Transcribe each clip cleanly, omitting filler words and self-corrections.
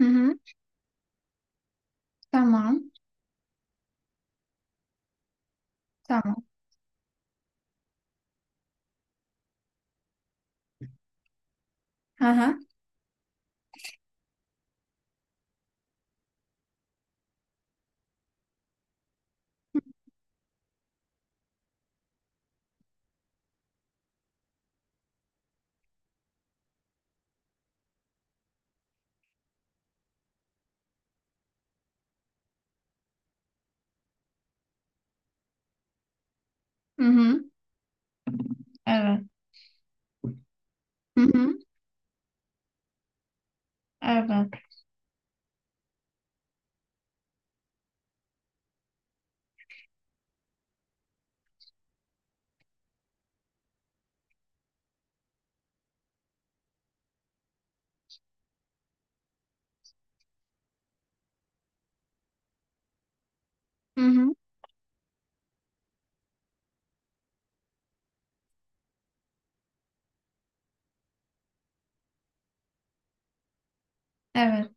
Hı hı. Tamam. Tamam. Hı hı. Hı hı. Evet. Hı hı. Evet. Hı hı. Evet.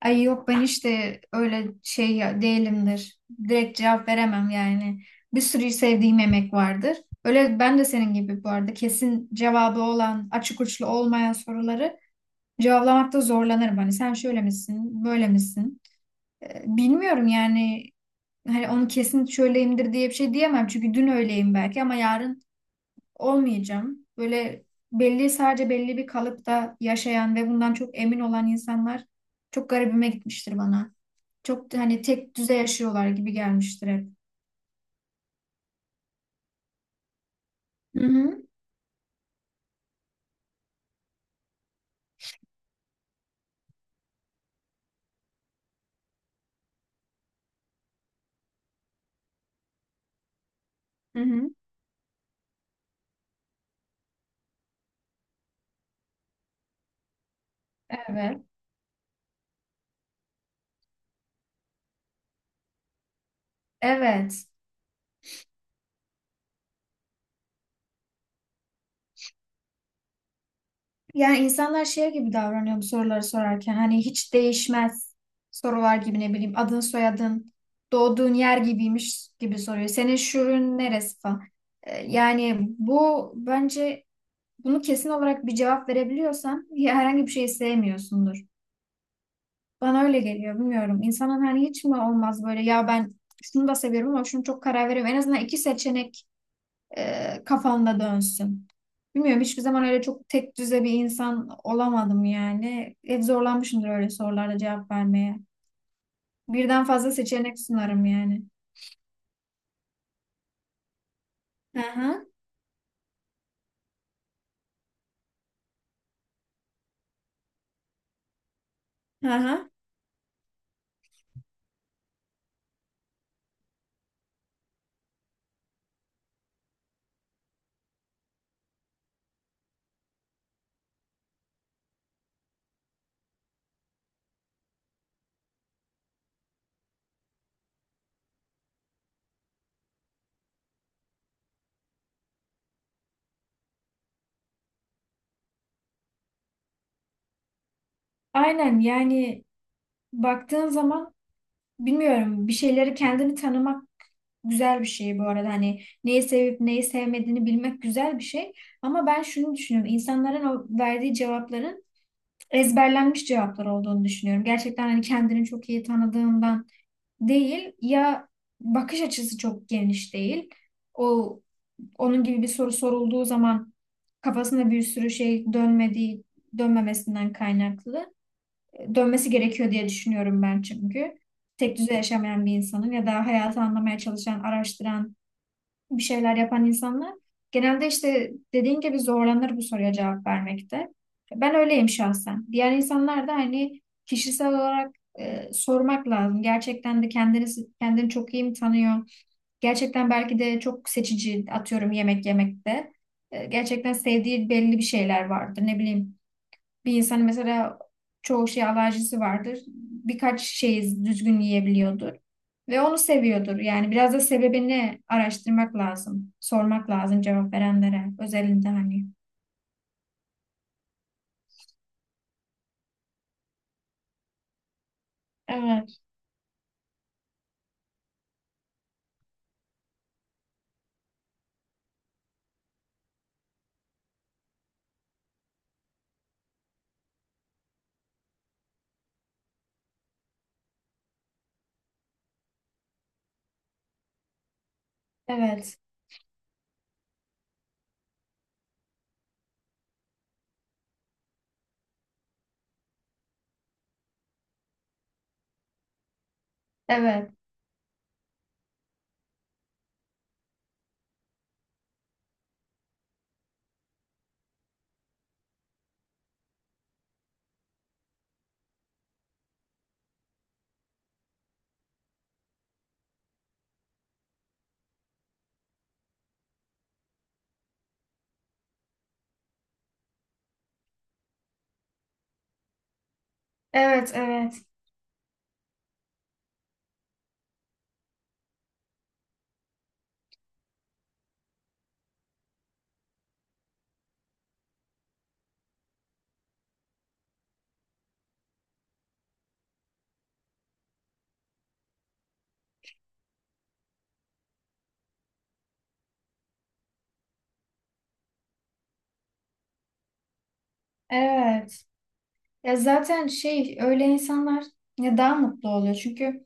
Ay yok, ben işte öyle şey değilimdir. Direkt cevap veremem yani. Bir sürü sevdiğim yemek vardır. Öyle ben de senin gibi bu arada kesin cevabı olan, açık uçlu olmayan soruları cevaplamakta zorlanırım. Hani sen şöyle misin, böyle misin? Bilmiyorum yani, hani onu kesin şöyleyimdir diye bir şey diyemem. Çünkü dün öyleyim belki ama yarın olmayacağım. Böyle belli, sadece belli bir kalıpta yaşayan ve bundan çok emin olan insanlar çok garibime gitmiştir bana. Çok da hani tek düze yaşıyorlar gibi gelmiştir hep. Hı hı. Hı hı. Evet. Evet. Yani insanlar şey gibi davranıyor bu soruları sorarken. Hani hiç değişmez sorular gibi, ne bileyim adın, soyadın, doğduğun yer gibiymiş gibi soruyor. Senin şurun neresi falan. Yani bu bence, bunu kesin olarak bir cevap verebiliyorsan ya herhangi bir şeyi sevmiyorsundur. Bana öyle geliyor, bilmiyorum. İnsanın hani hiç mi olmaz böyle, ya ben şunu da seviyorum ama şunu çok karar veriyorum. En azından iki seçenek kafamda dönsün. Bilmiyorum, hiçbir zaman öyle çok tek düze bir insan olamadım yani. Hep zorlanmışımdır öyle sorularda cevap vermeye. Birden fazla seçenek sunarım yani. Hı hı. Hı hı. Aynen yani, baktığın zaman bilmiyorum, bir şeyleri kendini tanımak güzel bir şey bu arada. Hani neyi sevip neyi sevmediğini bilmek güzel bir şey. Ama ben şunu düşünüyorum. İnsanların o verdiği cevapların ezberlenmiş cevaplar olduğunu düşünüyorum. Gerçekten hani kendini çok iyi tanıdığından değil ya, bakış açısı çok geniş değil. O onun gibi bir soru sorulduğu zaman kafasında bir sürü şey dönmediği, dönmemesinden kaynaklı, dönmesi gerekiyor diye düşünüyorum ben çünkü. Tek düze yaşamayan bir insanın ya da hayatı anlamaya çalışan, araştıran, bir şeyler yapan insanlar genelde işte dediğin gibi zorlanır bu soruya cevap vermekte. Ben öyleyim şahsen. Diğer insanlar da hani kişisel olarak sormak lazım. Gerçekten de kendini çok iyi mi tanıyor? Gerçekten belki de çok seçici, atıyorum yemek yemekte. E, gerçekten sevdiği belli bir şeyler vardır. Ne bileyim, bir insan mesela çoğu şey alerjisi vardır. Birkaç şeyi düzgün yiyebiliyordur. Ve onu seviyordur. Yani biraz da sebebini araştırmak lazım. Sormak lazım cevap verenlere. Özelinde hani. Evet, evet, evet, evet, evet, evet. Ya zaten şey, öyle insanlar ya daha mutlu oluyor. Çünkü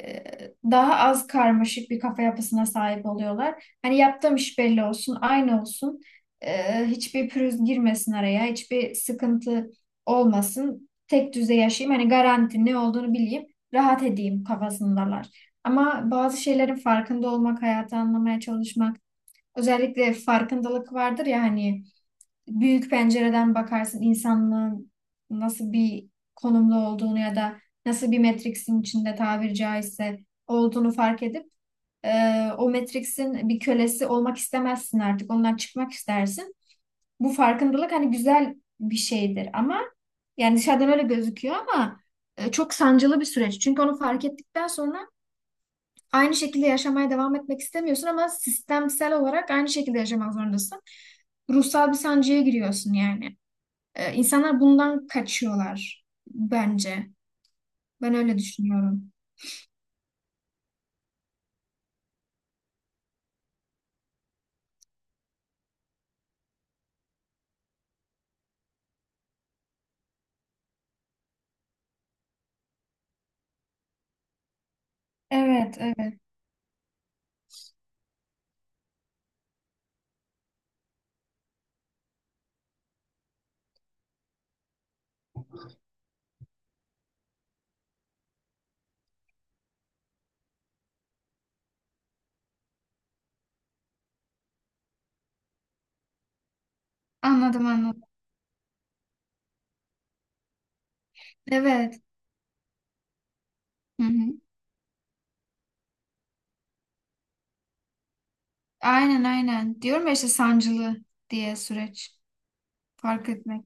e, daha az karmaşık bir kafa yapısına sahip oluyorlar. Hani yaptığım iş belli olsun, aynı olsun. E, hiçbir pürüz girmesin araya, hiçbir sıkıntı olmasın. Tek düze yaşayayım. Hani garanti, ne olduğunu bileyim, rahat edeyim kafasındalar. Ama bazı şeylerin farkında olmak, hayatı anlamaya çalışmak, özellikle farkındalık vardır ya hani, büyük pencereden bakarsın insanlığın nasıl bir konumda olduğunu ya da nasıl bir Matrix'in içinde tabiri caizse olduğunu fark edip e, o Matrix'in bir kölesi olmak istemezsin artık. Ondan çıkmak istersin. Bu farkındalık hani güzel bir şeydir ama, yani dışarıdan öyle gözüküyor ama çok sancılı bir süreç. Çünkü onu fark ettikten sonra aynı şekilde yaşamaya devam etmek istemiyorsun ama sistemsel olarak aynı şekilde yaşamak zorundasın. Ruhsal bir sancıya giriyorsun yani. İnsanlar bundan kaçıyorlar bence. Ben öyle düşünüyorum. Evet, evet. Anladım, anladım. Evet. Hı hı. Aynen, aynen. Diyorum ya işte sancılı diye süreç. Fark etmek.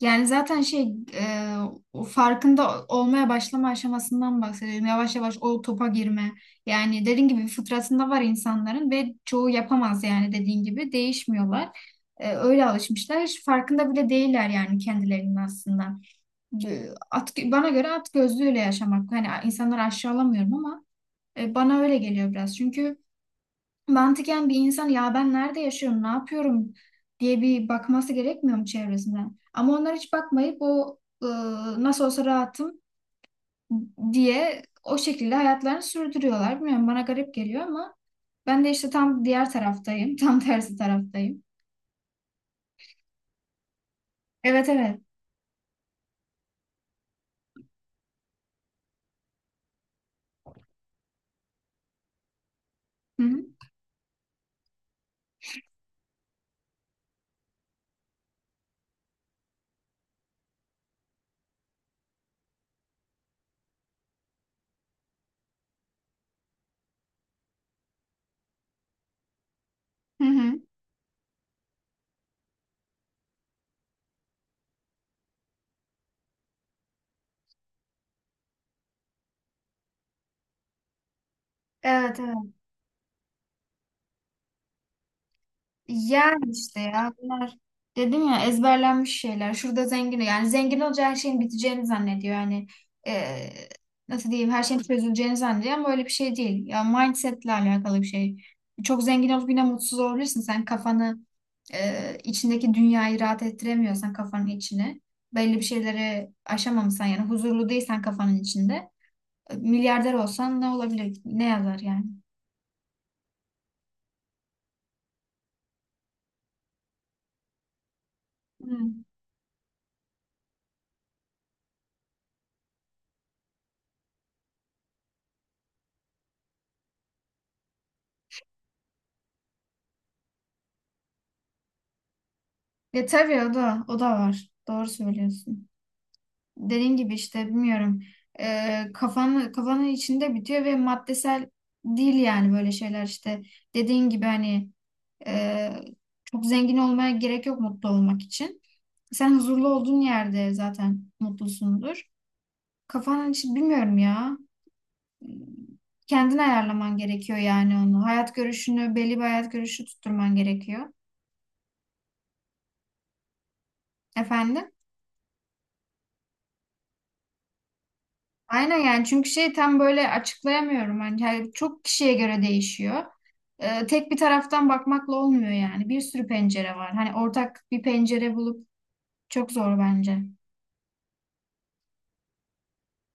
Yani zaten şey, o farkında olmaya başlama aşamasından bahsediyorum. Yavaş yavaş o topa girme. Yani dediğin gibi fıtratında var insanların ve çoğu yapamaz, yani dediğin gibi değişmiyorlar. E, öyle alışmışlar. Hiç farkında bile değiller yani kendilerinin aslında. Bana göre at gözlüğüyle yaşamak. Hani insanları aşağılamıyorum ama bana öyle geliyor biraz. Çünkü mantıken bir insan, ya ben nerede yaşıyorum, ne yapıyorum diye bir bakması gerekmiyor mu çevresinden? Ama onlar hiç bakmayıp o, nasıl olsa rahatım diye o şekilde hayatlarını sürdürüyorlar. Bilmiyorum, bana garip geliyor ama ben de işte tam diğer taraftayım. Tam tersi taraftayım. Evet, evet. Hı hı. Hı hı. Evet, evet. Yani işte ya, bunlar dedim ya, ezberlenmiş şeyler. Şurada zengin, yani zengin olunca her şeyin biteceğini zannediyor. Yani e, nasıl diyeyim, her şeyin çözüleceğini zannediyor ama öyle bir şey değil. Ya mindsetle alakalı bir şey. Çok zengin olup yine mutsuz olabilirsin. Sen kafanı, içindeki dünyayı rahat ettiremiyorsan, kafanın içine belli bir şeyleri aşamamışsan, yani huzurlu değilsen kafanın içinde, milyarder olsan ne olabilir? Ne yazar yani? Hmm. Ya tabii, o da o da var. Doğru söylüyorsun. Dediğin gibi işte bilmiyorum, kafanın içinde bitiyor ve maddesel değil yani, böyle şeyler işte dediğin gibi hani, e, çok zengin olmaya gerek yok mutlu olmak için. Sen huzurlu olduğun yerde zaten mutlusundur. Kafanın içi bilmiyorum ya. Kendin ayarlaman gerekiyor yani onu. Hayat görüşünü, belli bir hayat görüşü tutturman gerekiyor. Efendim? Aynen yani, çünkü şey, tam böyle açıklayamıyorum. Hani yani çok kişiye göre değişiyor. Tek bir taraftan bakmakla olmuyor yani. Bir sürü pencere var. Hani ortak bir pencere bulup çok zor bence.